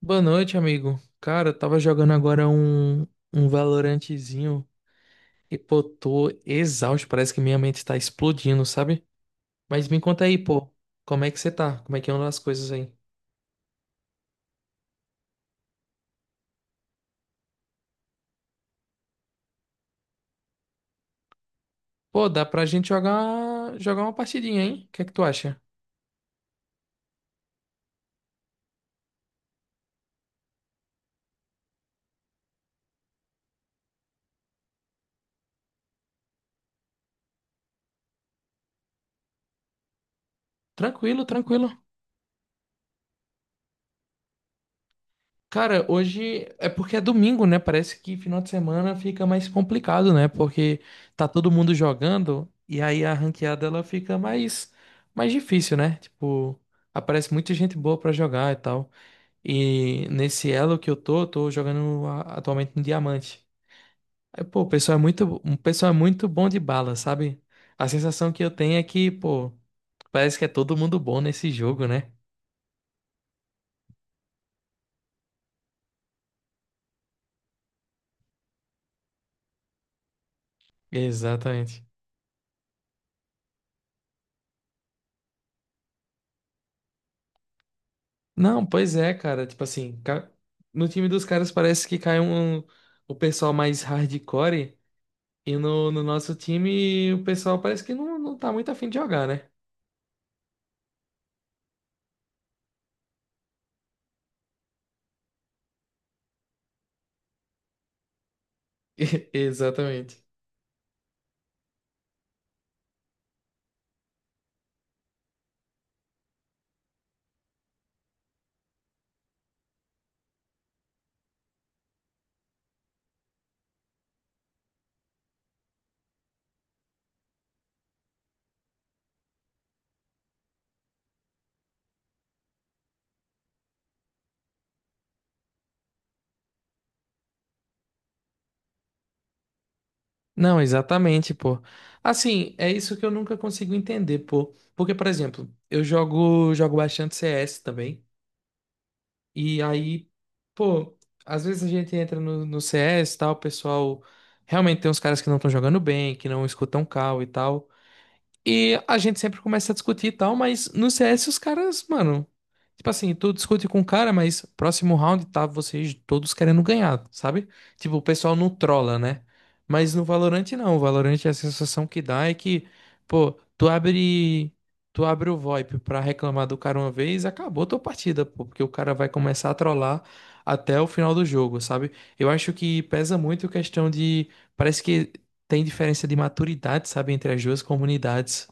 Boa noite, amigo. Cara, eu tava jogando agora um Valorantezinho e, pô, tô exausto. Parece que minha mente tá explodindo, sabe? Mas me conta aí, pô, como é que você tá? Como é que andam as coisas aí? Pô, dá pra gente jogar uma partidinha, hein? O que é que tu acha? Tranquilo, tranquilo. Cara, hoje é porque é domingo, né? Parece que final de semana fica mais complicado, né? Porque tá todo mundo jogando e aí a ranqueada ela fica mais difícil, né? Tipo, aparece muita gente boa pra jogar e tal. E nesse elo que eu tô jogando atualmente no diamante. Aí, pô, o pessoal é muito bom de bala, sabe? A sensação que eu tenho é que, pô, parece que é todo mundo bom nesse jogo, né? Exatamente. Não, pois é, cara. Tipo assim, no time dos caras parece que cai um, o pessoal mais hardcore. E no nosso time o pessoal parece que não tá muito afim de jogar, né? Exatamente. Não, exatamente, pô. Assim, é isso que eu nunca consigo entender, pô. Porque, por exemplo, eu jogo bastante CS também. E aí, pô, às vezes a gente entra no CS e tal, o pessoal. Realmente tem uns caras que não estão jogando bem, que não escutam call e tal. E a gente sempre começa a discutir e tal, mas no CS os caras, mano. Tipo assim, tu discute com o cara, mas próximo round tá vocês todos querendo ganhar, sabe? Tipo, o pessoal não trola, né? Mas no Valorant não. O Valorant é a sensação que dá é que, pô, tu abre. Tu abre o VoIP pra reclamar do cara uma vez, acabou tua partida, pô, porque o cara vai começar a trollar até o final do jogo, sabe? Eu acho que pesa muito a questão de. Parece que tem diferença de maturidade, sabe, entre as duas comunidades.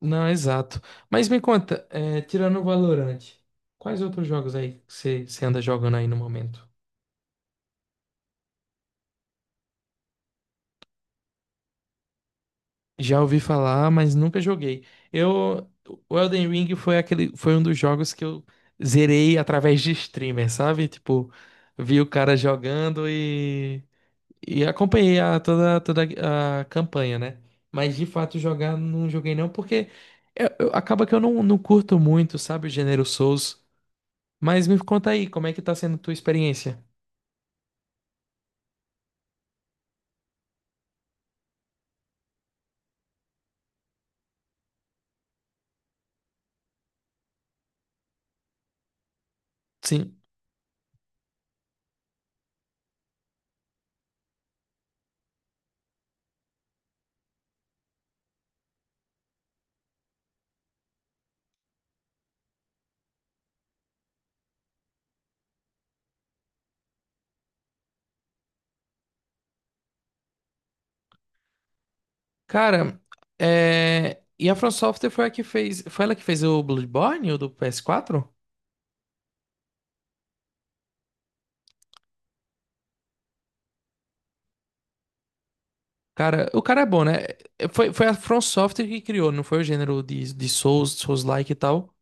Não, exato. Mas me conta, é, tirando o Valorant, quais outros jogos aí que você anda jogando aí no momento? Já ouvi falar, mas nunca joguei. Eu, o Elden Ring foi aquele, foi um dos jogos que eu zerei através de streamer, sabe? Tipo, vi o cara jogando e acompanhei toda a campanha, né? Mas de fato jogar não joguei não, porque acaba que eu não curto muito, sabe, o gênero Souls. Mas me conta aí, como é que tá sendo a tua experiência? Sim. Cara, e a From Software foi a que fez. Foi ela que fez o Bloodborne, o do PS4? Cara, o cara é bom, né? Foi a From Software que criou, não foi o gênero de Souls, Souls-like e tal.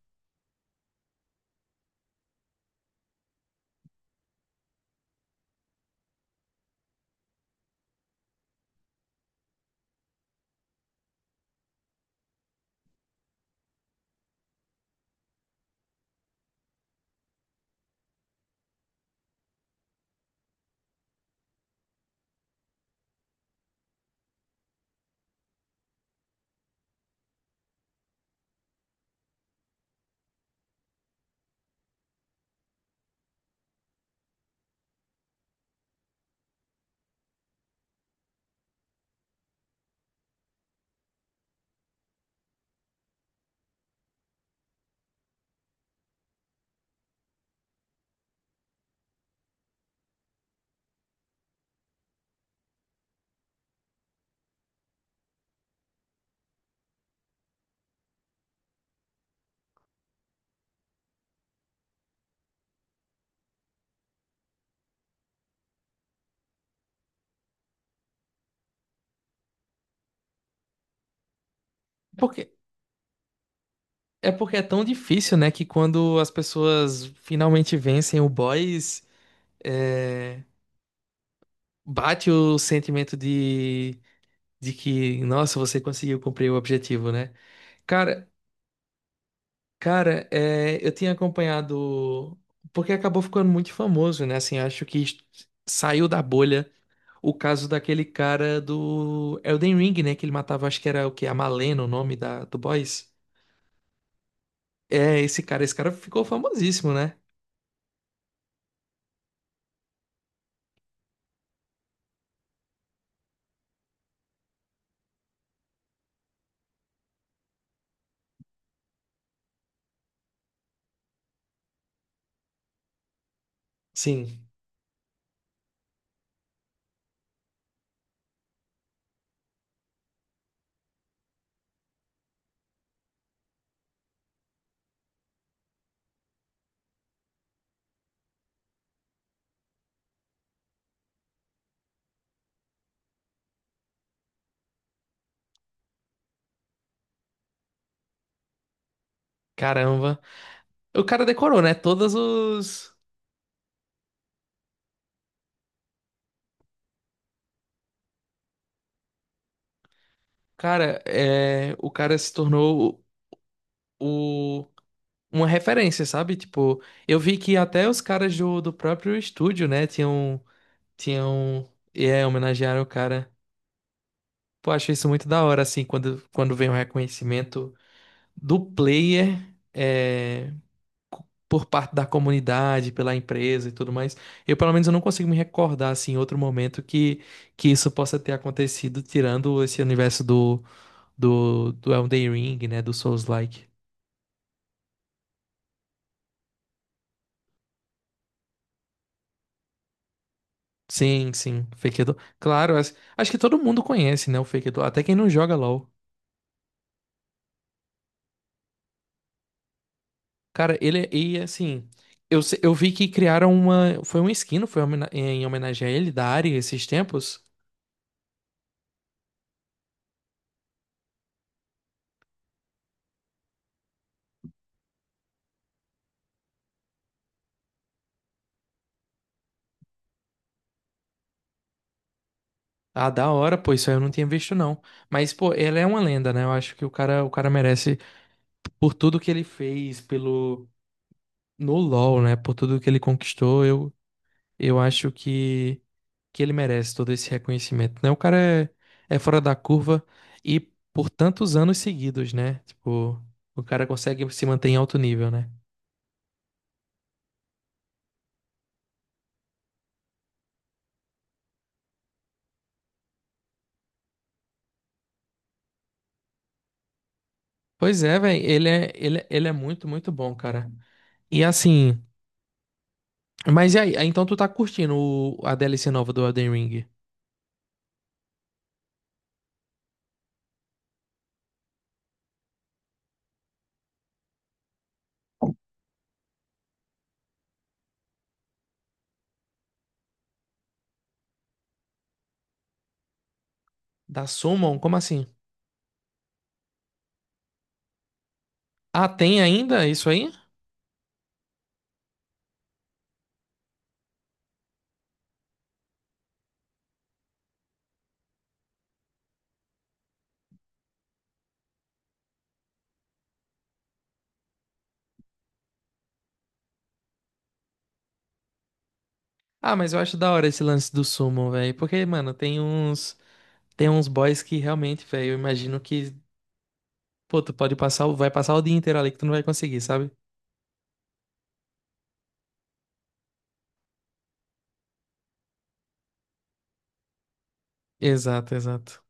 É Porque, é porque é tão difícil, né? Que quando as pessoas finalmente vencem o boss, é, bate o sentimento de que, nossa, você conseguiu cumprir o objetivo, né? Cara, Cara, é, eu tinha acompanhado, porque acabou ficando muito famoso, né? Assim, saiu da bolha o caso daquele cara do Elden Ring, né? Que ele matava, acho que era o quê? A Malena, o nome do boss. É, esse cara ficou famosíssimo, né? Sim, caramba. O cara decorou, né? Todos os. Cara, é, o cara se tornou o, uma referência, sabe? Tipo, eu vi que até os caras do próprio estúdio, né? Tinham e é, homenagearam o cara. Pô, acho isso muito da hora, assim, quando vem o reconhecimento do player é, por parte da comunidade, pela empresa e tudo mais. Eu não consigo me recordar, assim, em outro momento que isso possa ter acontecido, tirando esse universo do Elden Ring, né, do Souls-like. Sim, sim, Fake Edo. Claro, acho que todo mundo conhece, né, o Fake Edo, até quem não joga LoL. Cara, ele e assim, eu, se- eu vi que criaram uma, foi uma skin, não foi homena- em homenagem a ele da Ari esses tempos. Ah, da hora, pô, isso aí eu não tinha visto não. Mas pô, ele é uma lenda, né? Eu acho que o cara merece por tudo que ele fez pelo no LoL, né? Por tudo que ele conquistou, eu acho que ele merece todo esse reconhecimento, né? O cara é, é fora da curva e por tantos anos seguidos, né? Tipo, o cara consegue se manter em alto nível, né? Pois é, velho, ele é muito bom, cara. E assim, mas e aí? Ah, então tu tá curtindo a DLC nova do Elden Ring? Da Summon? Como assim? Ah, tem ainda isso aí? Ah, mas eu acho da hora esse lance do Summon, velho. Porque, mano, tem uns boys que realmente, velho, eu imagino que, pô, tu pode passar, vai passar o dia inteiro ali que tu não vai conseguir, sabe? Exato, exato.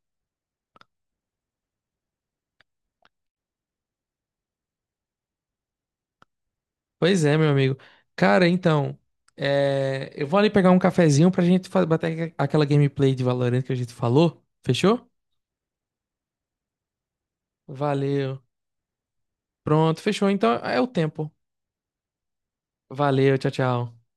Pois é, meu amigo. Cara, então, é, eu vou ali pegar um cafezinho pra gente bater aquela gameplay de Valorant que a gente falou. Fechou? Valeu. Pronto, fechou. Então é o tempo. Valeu, tchau, tchau.